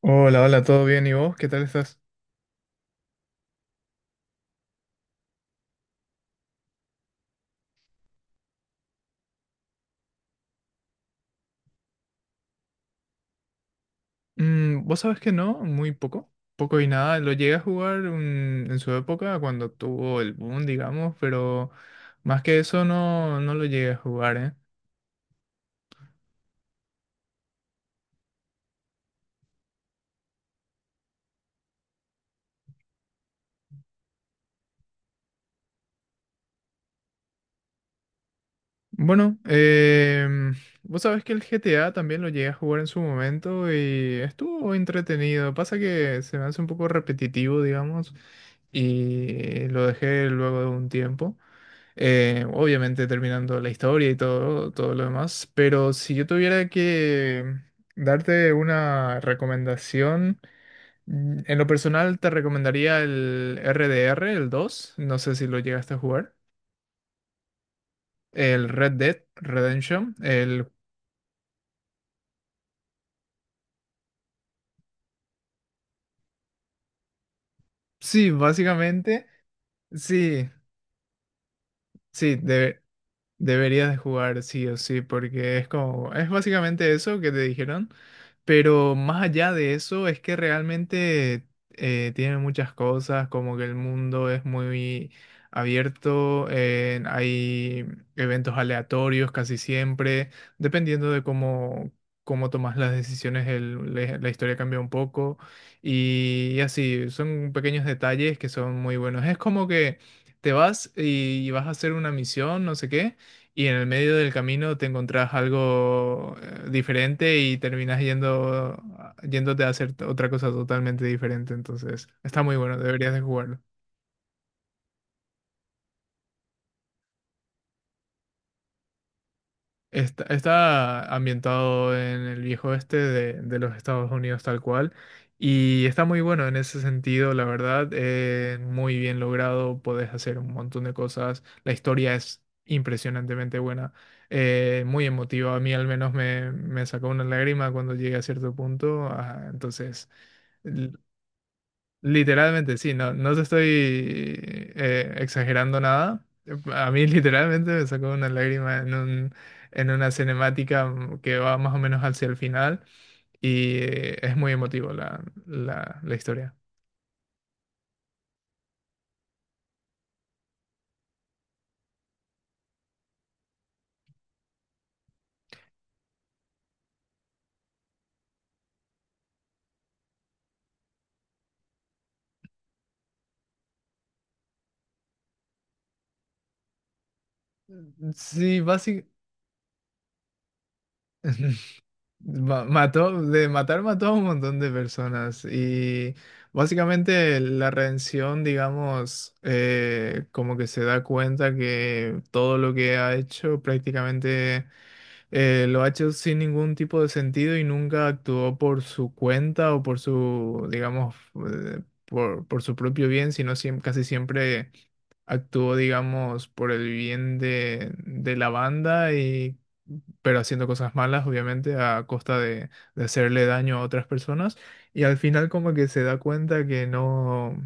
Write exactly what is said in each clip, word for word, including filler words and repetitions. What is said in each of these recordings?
Hola, hola, ¿todo bien? ¿Y vos? ¿Qué tal estás? Mm, vos sabés que no, muy poco, poco y nada. Lo llegué a jugar un- en su época cuando tuvo el boom, digamos, pero más que eso no, no lo llegué a jugar, ¿eh? Bueno, em, vos sabés que el G T A también lo llegué a jugar en su momento y estuvo entretenido. Pasa que se me hace un poco repetitivo, digamos, y lo dejé luego de un tiempo. Eh, obviamente terminando la historia y todo, todo lo demás, pero si yo tuviera que darte una recomendación, mm, en lo personal te recomendaría el R D R, el dos. No sé si lo llegaste a jugar, el Red Dead Redemption, el... Sí, básicamente. Sí, sí, de- deberías de jugar sí o sí, porque es como, es básicamente eso que te dijeron, pero más allá de eso es que realmente eh, tiene muchas cosas, como que el mundo es muy abierto, eh, hay eventos aleatorios casi siempre, dependiendo de cómo, cómo tomas las decisiones, el- le- la historia cambia un poco y, y así, son pequeños detalles que son muy buenos. Es como que te vas y vas a hacer una misión, no sé qué, y en el medio del camino te encontrás algo eh, diferente y terminás yendo, yéndote a hacer t- otra cosa totalmente diferente. Entonces, está muy bueno, deberías de jugarlo. Está, está ambientado en el viejo oeste de, de los Estados Unidos tal cual, y está muy bueno en ese sentido, la verdad, eh, muy bien logrado, podés hacer un montón de cosas, la historia es impresionantemente buena, eh, muy emotiva. A mí al menos me, me sacó una lágrima cuando llegué a cierto punto. Ah, entonces... Literalmente, sí, no, no te estoy eh, exagerando nada. A mí literalmente me sacó una lágrima en un, en una cinemática mm, que va más o menos hacia el final, y eh, es muy emotivo la, la, la historia. Sí, básicamente... Ma- mató, de matar mató a un montón de personas, y básicamente la redención, digamos, eh, como que se da cuenta que todo lo que ha hecho prácticamente eh, lo ha hecho sin ningún tipo de sentido y nunca actuó por su cuenta o por su, digamos, eh, por, por su propio bien, sino siem- casi siempre actuó, digamos, por el bien de, de la banda y pero haciendo cosas malas, obviamente, a costa de, de hacerle daño a otras personas. Y al final como que se da cuenta que no,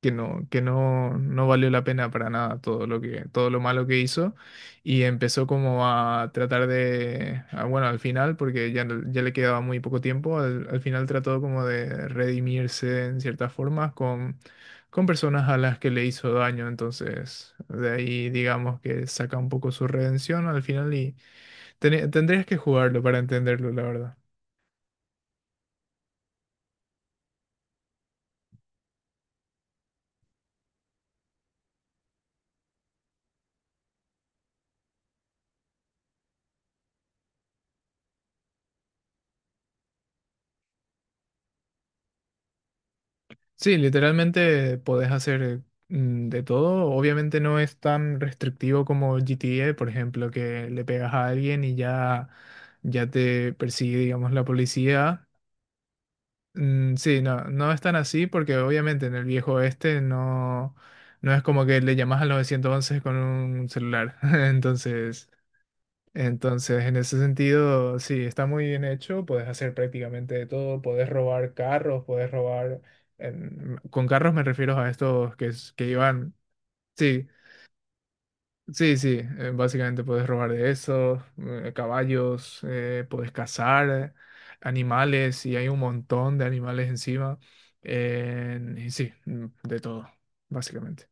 que no, que no, no valió la pena para nada todo lo que, todo lo malo que hizo. Y empezó como a tratar de, ah, bueno, al final, porque ya, no- ya le quedaba muy poco tiempo. Al, al final trató como de redimirse en ciertas formas con personas a las que le hizo daño. Entonces de ahí digamos que saca un poco su redención al final, y ten- tendrías que jugarlo para entenderlo, la verdad. Sí, literalmente podés hacer mm, de todo, obviamente no es tan restrictivo como G T A, por ejemplo, que le pegas a alguien y ya, ya te persigue, digamos, la policía. Mm, Sí, no, no es tan así porque obviamente en el viejo este no, no es como que le llamas al nueve once con un celular. Entonces, Entonces, en ese sentido, sí, está muy bien hecho. Puedes hacer prácticamente de todo, puedes robar carros, puedes robar, em, con carros me refiero a estos que, es- que llevan. Sí, sí, sí, eh, básicamente puedes robar de esos, eh, caballos, eh, puedes cazar animales, y hay un montón de animales encima. Eh, y sí, mm, de todo, básicamente.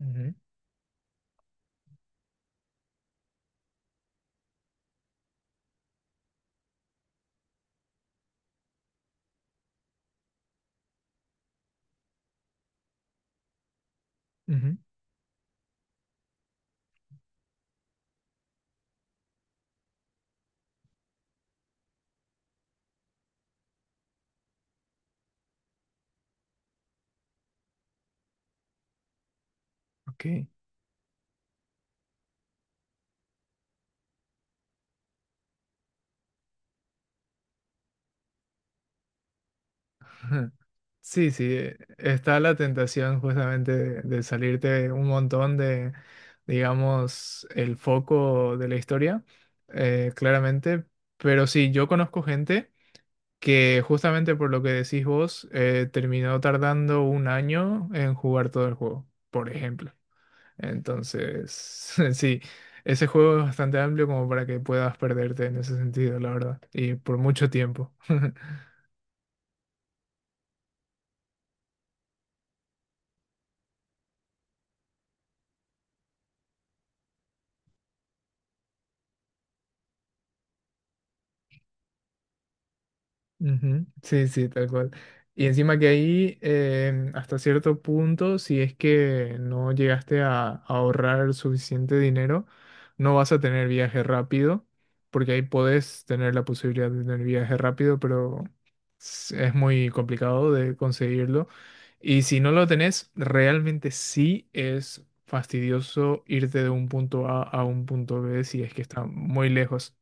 Ujú, ujú, ok. Sí, sí, eh, está la tentación justamente de, de salirte un montón de, digamos, el foco de la historia, eh, claramente. Pero sí, yo conozco gente que justamente por lo que decís vos, eh, terminó tardando un año en jugar todo el juego, por ejemplo. Entonces, sí, ese juego es bastante amplio como para que puedas perderte en ese sentido, la verdad, y por mucho tiempo. Ujú. Sí, sí, tal cual. Y encima que ahí, em, hasta cierto punto, si es que no llegaste a ahorrar el suficiente dinero, no vas a tener viaje rápido, porque ahí podés tener la posibilidad de tener viaje rápido, pero s- es muy complicado de conseguirlo. Y si no lo tenés, realmente sí es fastidioso irte de un punto A a un punto B si es que está muy lejos.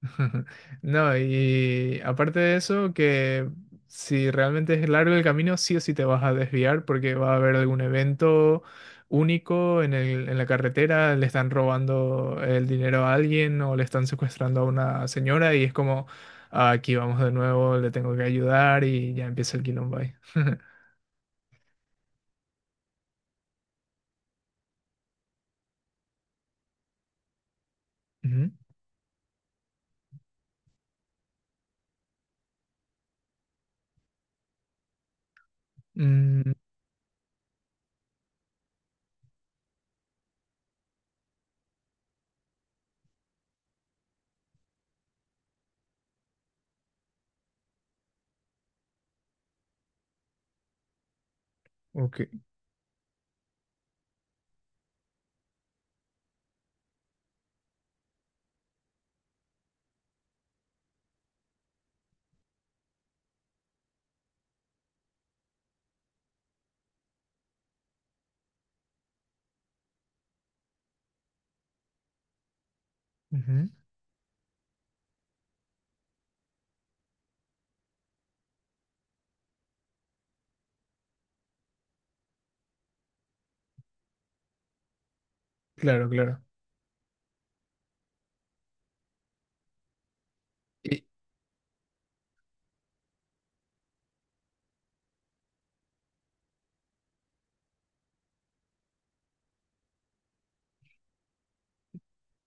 No, y aparte de eso, que si realmente es largo el camino, sí o sí te vas a desviar porque va a haber algún evento único en el- en la carretera, le están robando el dinero a alguien o le están secuestrando a una señora, y es como: "Ah, aquí vamos de nuevo, le tengo que ayudar y ya empieza el quilombo ahí". Ujú. Mm, ok. Ujú. Claro, claro. Y-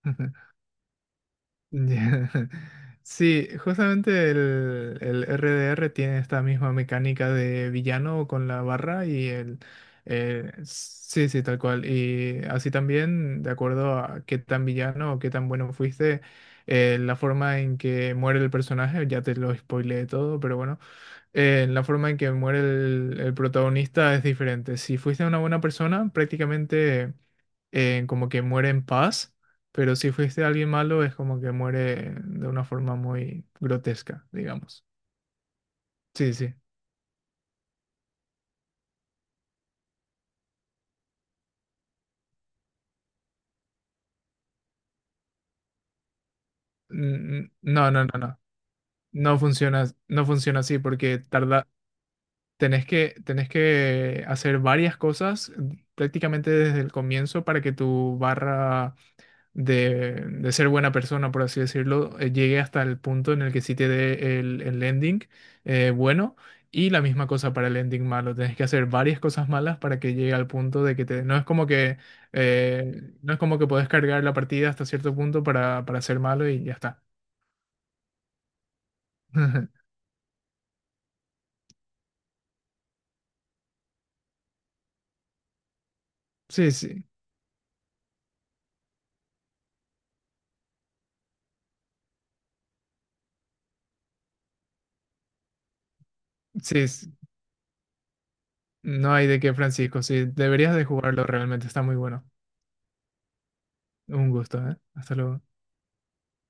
Ya. Sí, justamente el, el R D R tiene esta misma mecánica de villano con la barra y el... eh, Sí, sí, tal cual. Y así también, de acuerdo a qué tan villano o qué tan bueno fuiste, eh, la forma en que muere el personaje, ya te lo spoileé todo, pero bueno, eh, la forma en que muere el, el protagonista es diferente. Si fuiste una buena persona, prácticamente eh, como que muere en paz, pero si fuiste alguien malo es como que muere de una forma muy grotesca, digamos. Sí, sí. Mm, no, no, no, no. No funciona, no funciona así porque tarda. Tenés que, tenés que hacer varias cosas, mm, prácticamente desde el comienzo para que tu barra de, de ser buena persona, por así decirlo, eh, llegue hasta el punto en el que sí te dé el, el ending eh, bueno, y la misma cosa para el ending malo. Tienes que hacer varias cosas malas para que llegue al punto de que te... No es como que, eh, no es como que puedes cargar la partida hasta cierto punto para, para ser malo y ya está. Sí, sí, sí, sí. No hay de qué, Francisco. Sí, deberías de jugarlo realmente, está muy bueno. Un gusto, ¿eh? Hasta luego.